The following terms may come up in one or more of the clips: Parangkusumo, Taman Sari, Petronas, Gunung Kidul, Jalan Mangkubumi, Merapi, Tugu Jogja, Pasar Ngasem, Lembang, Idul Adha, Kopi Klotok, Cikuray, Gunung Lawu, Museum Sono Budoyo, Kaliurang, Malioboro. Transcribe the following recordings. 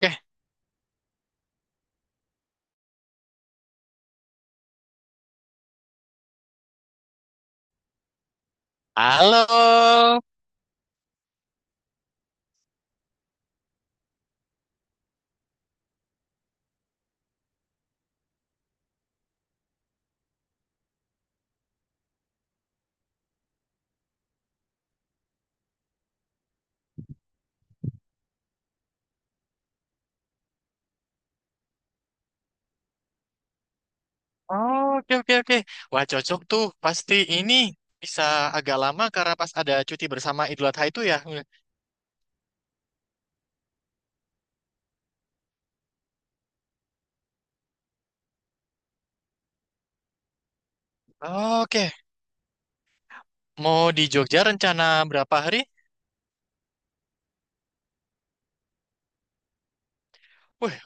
Oke, halo. Oh, oke, oke, oke. Wah, cocok tuh. Pasti ini bisa agak lama karena pas ada cuti bersama Idul Adha itu ya. Oke, mau di Jogja rencana berapa hari? Wih,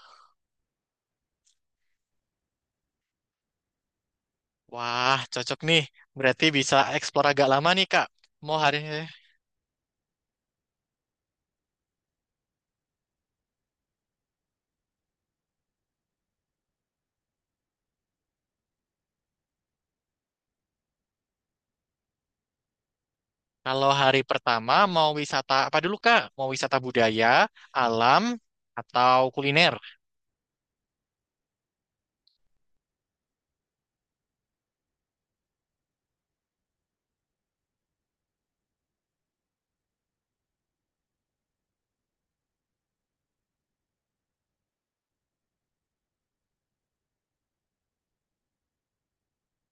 wah, cocok nih. Berarti bisa eksplor agak lama nih, Kak. Mau hari kalau hari pertama mau wisata apa dulu, Kak? Mau wisata budaya, alam, atau kuliner?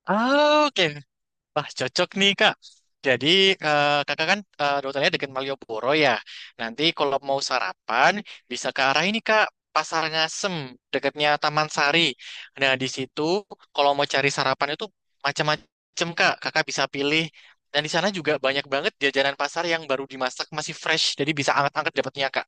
Ah, oke, wah, cocok nih, Kak. Jadi, Kakak kan dokternya dekat Malioboro ya. Nanti kalau mau sarapan, bisa ke arah ini, Kak. Pasar Ngasem, dekatnya Taman Sari. Nah, di situ kalau mau cari sarapan itu macam-macam, Kak. Kakak bisa pilih. Dan di sana juga banyak banget jajanan pasar yang baru dimasak, masih fresh. Jadi bisa anget-anget dapatnya, Kak.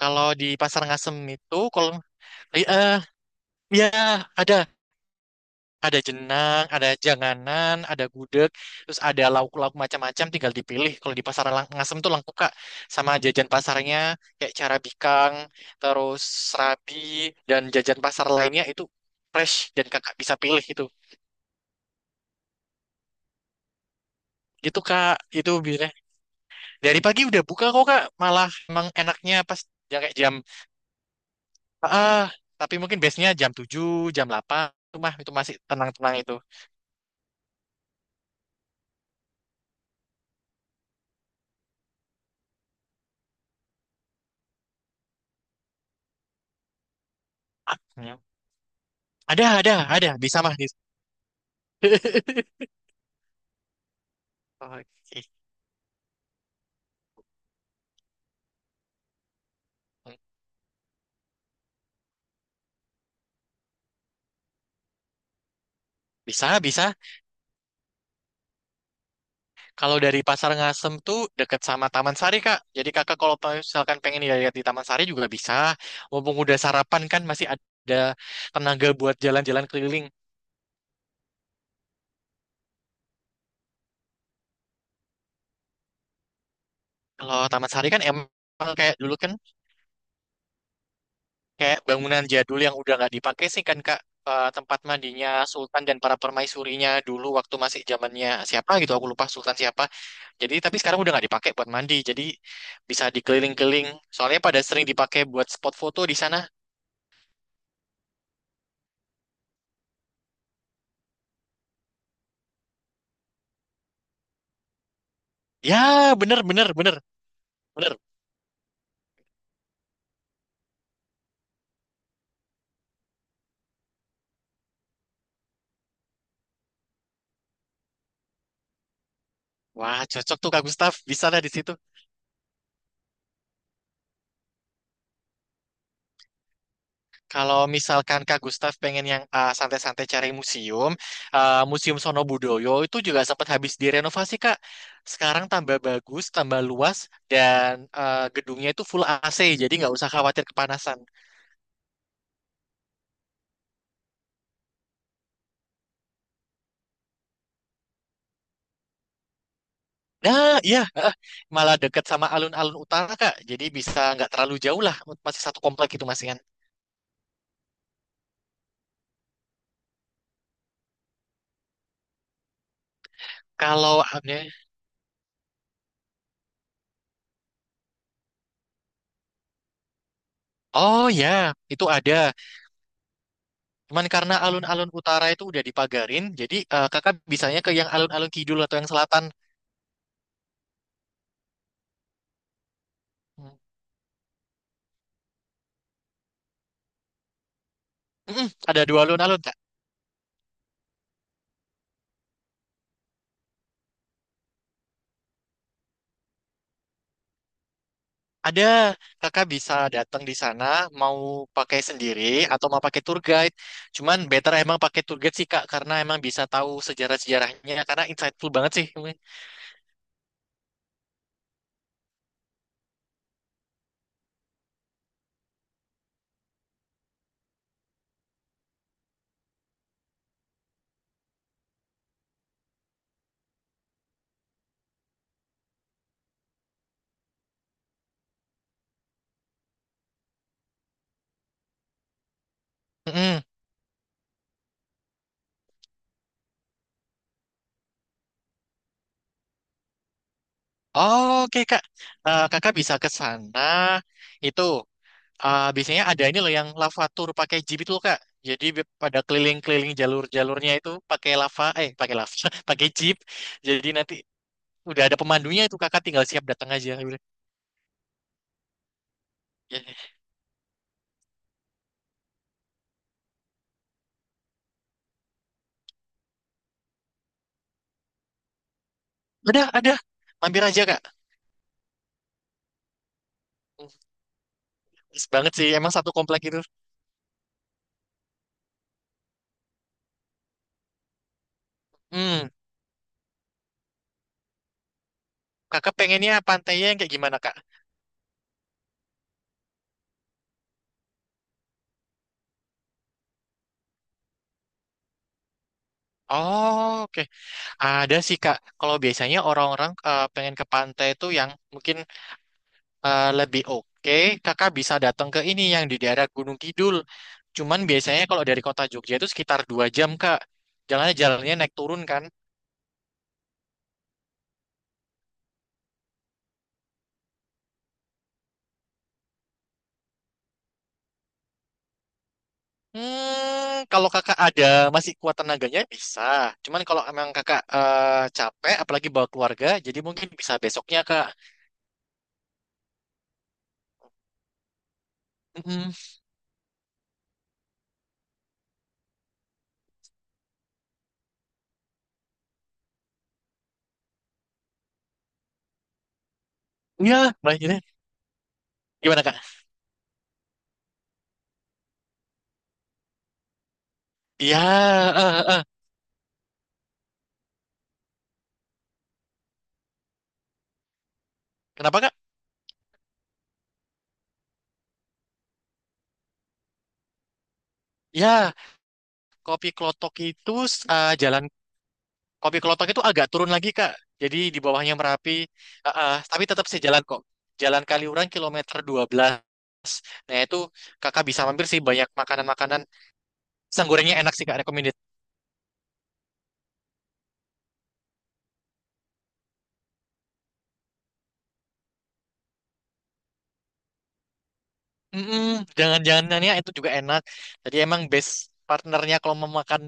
Kalau di Pasar Ngasem itu. Eh, eh, Ya, ada. Ada jenang, ada janganan, ada gudeg, terus ada lauk-lauk macam-macam tinggal dipilih. Kalau di pasar Ngasem tuh lengkap Kak, sama jajan pasarnya kayak cara bikang, terus serabi dan jajan pasar lainnya itu fresh dan Kakak bisa pilih itu. Gitu Kak, itu biasanya. Dari pagi udah buka kok Kak, malah emang enaknya pas ya kayak ah, tapi mungkin biasanya jam 7, jam 8. Itu mah itu masih tenang-tenang itu. Ah, ya. Ada, bisa mah. Oke. Bisa, bisa. Kalau dari Pasar Ngasem tuh deket sama Taman Sari, Kak. Jadi kakak kalau misalkan pengen lihat di Taman Sari juga bisa. Mumpung udah sarapan kan masih ada tenaga buat jalan-jalan keliling. Kalau Taman Sari kan emang kayak dulu kan kayak bangunan jadul yang udah nggak dipakai sih kan, Kak. Tempat mandinya Sultan dan para permaisurinya dulu waktu masih zamannya siapa gitu aku lupa Sultan siapa jadi tapi sekarang udah nggak dipakai buat mandi jadi bisa dikeliling-keliling soalnya pada sering dipakai buat spot foto di sana. Ya, bener, bener, bener, bener. Wah, cocok tuh Kak Gustaf. Bisa lah di situ. Kalau misalkan Kak Gustaf pengen yang santai-santai cari museum, Museum Sono Budoyo itu juga sempat habis direnovasi, Kak. Sekarang tambah bagus, tambah luas, dan gedungnya itu full AC, jadi nggak usah khawatir kepanasan. Nah, iya, malah dekat sama alun-alun utara, Kak. Jadi bisa nggak terlalu jauh lah, masih satu komplek itu masih kan. Kalau, eh, oh ya, itu ada. Cuman karena alun-alun utara itu udah dipagarin, jadi kakak bisanya ke yang alun-alun kidul atau yang selatan. Mm-mm, ada dua alun-alun, Kak. Ada, kakak bisa datang di sana, mau pakai sendiri atau mau pakai tour guide. Cuman better emang pakai tour guide sih, Kak, karena emang bisa tahu sejarah-sejarahnya, karena insightful banget sih. Mm-mm. Oke, Kak. Kakak bisa ke sana, itu. Ah, biasanya ada ini loh yang lava tour pakai jeep itu loh, Kak. Jadi pada keliling-keliling jalur-jalurnya itu pakai lava, eh pakai lava, pakai jeep. Jadi nanti udah ada pemandunya itu Kakak tinggal siap datang aja. Ya. Ada, ada. Mampir aja, Kak. Hmm, Pas banget sih, emang satu komplek itu. Hmm, Kakak pengennya pantainya yang kayak gimana, Kak? Oh, oke. Ada sih, Kak. Kalau biasanya orang-orang pengen ke pantai itu yang mungkin lebih oke, kakak bisa datang ke ini yang di daerah Gunung Kidul. Cuman biasanya kalau dari kota Jogja itu sekitar 2 jam, Kak. Jalannya jalannya naik turun kan. Kalau kakak ada masih kuat tenaganya bisa. Cuman kalau emang kakak capek, apalagi bawa keluarga, jadi mungkin bisa besoknya kak. Mm-mm. Ya, baiknya. Gimana kak? Ya, eh, eh, eh. Kenapa kak? Ya, kopi klotok itu eh, jalan Kopi Klotok itu agak turun lagi Kak. Jadi di bawahnya Merapi, ah, ah, tapi tetap sejalan kok. Jalan Kaliurang kilometer 12. Nah itu kakak bisa mampir sih banyak makanan-makanan. Pisang gorengnya enak sih Kak, recommended. Mm-mm, jangan-jangannya itu juga enak. Jadi emang best partnernya kalau mau makan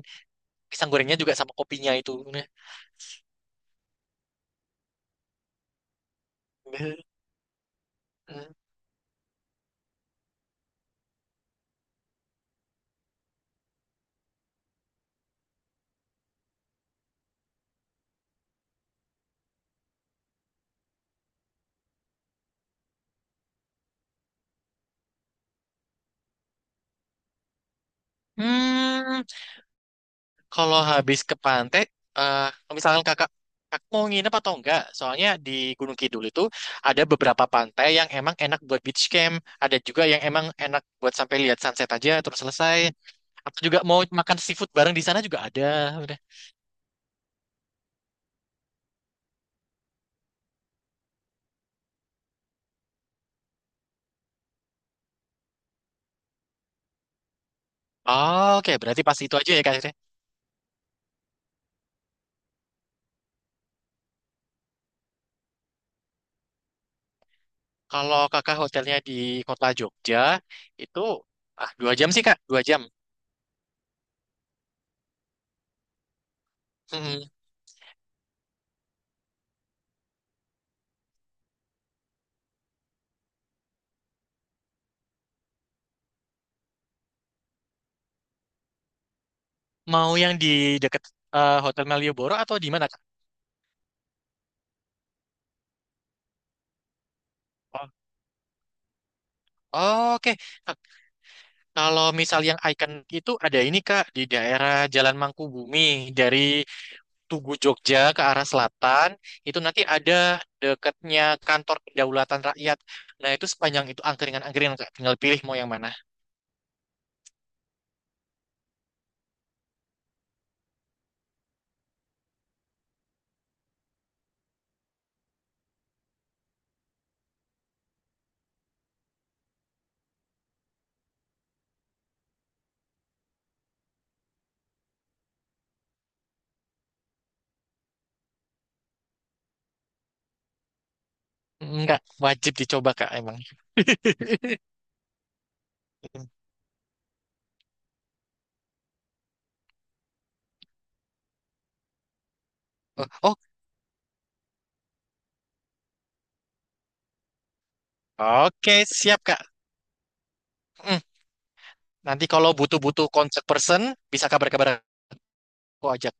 pisang gorengnya juga sama kopinya itu. Hmm, Kalau habis ke pantai, eh misalkan kakak mau nginep atau enggak? Soalnya di Gunung Kidul itu ada beberapa pantai yang emang enak buat beach camp, ada juga yang emang enak buat sampai lihat sunset aja terus selesai. Atau juga mau makan seafood bareng di sana juga ada. Udah. Oh, oke, berarti pas itu aja ya kak. Irene. Kalau kakak hotelnya di kota Jogja itu 2 jam sih kak, 2 jam. Mm-mm. Mau yang di deket Hotel Malioboro atau di mana kak? Oh, oke, kalau misal yang icon itu ada ini Kak di daerah Jalan Mangkubumi dari Tugu Jogja ke arah selatan itu nanti ada dekatnya kantor kedaulatan rakyat. Nah itu sepanjang itu angkringan-angkringan Kak tinggal pilih mau yang mana. Enggak wajib dicoba Kak emang. Oh oh, oke siap Kak. Mm, Nanti kalau butuh-butuh kontak person bisa kabar-kabar aku aja.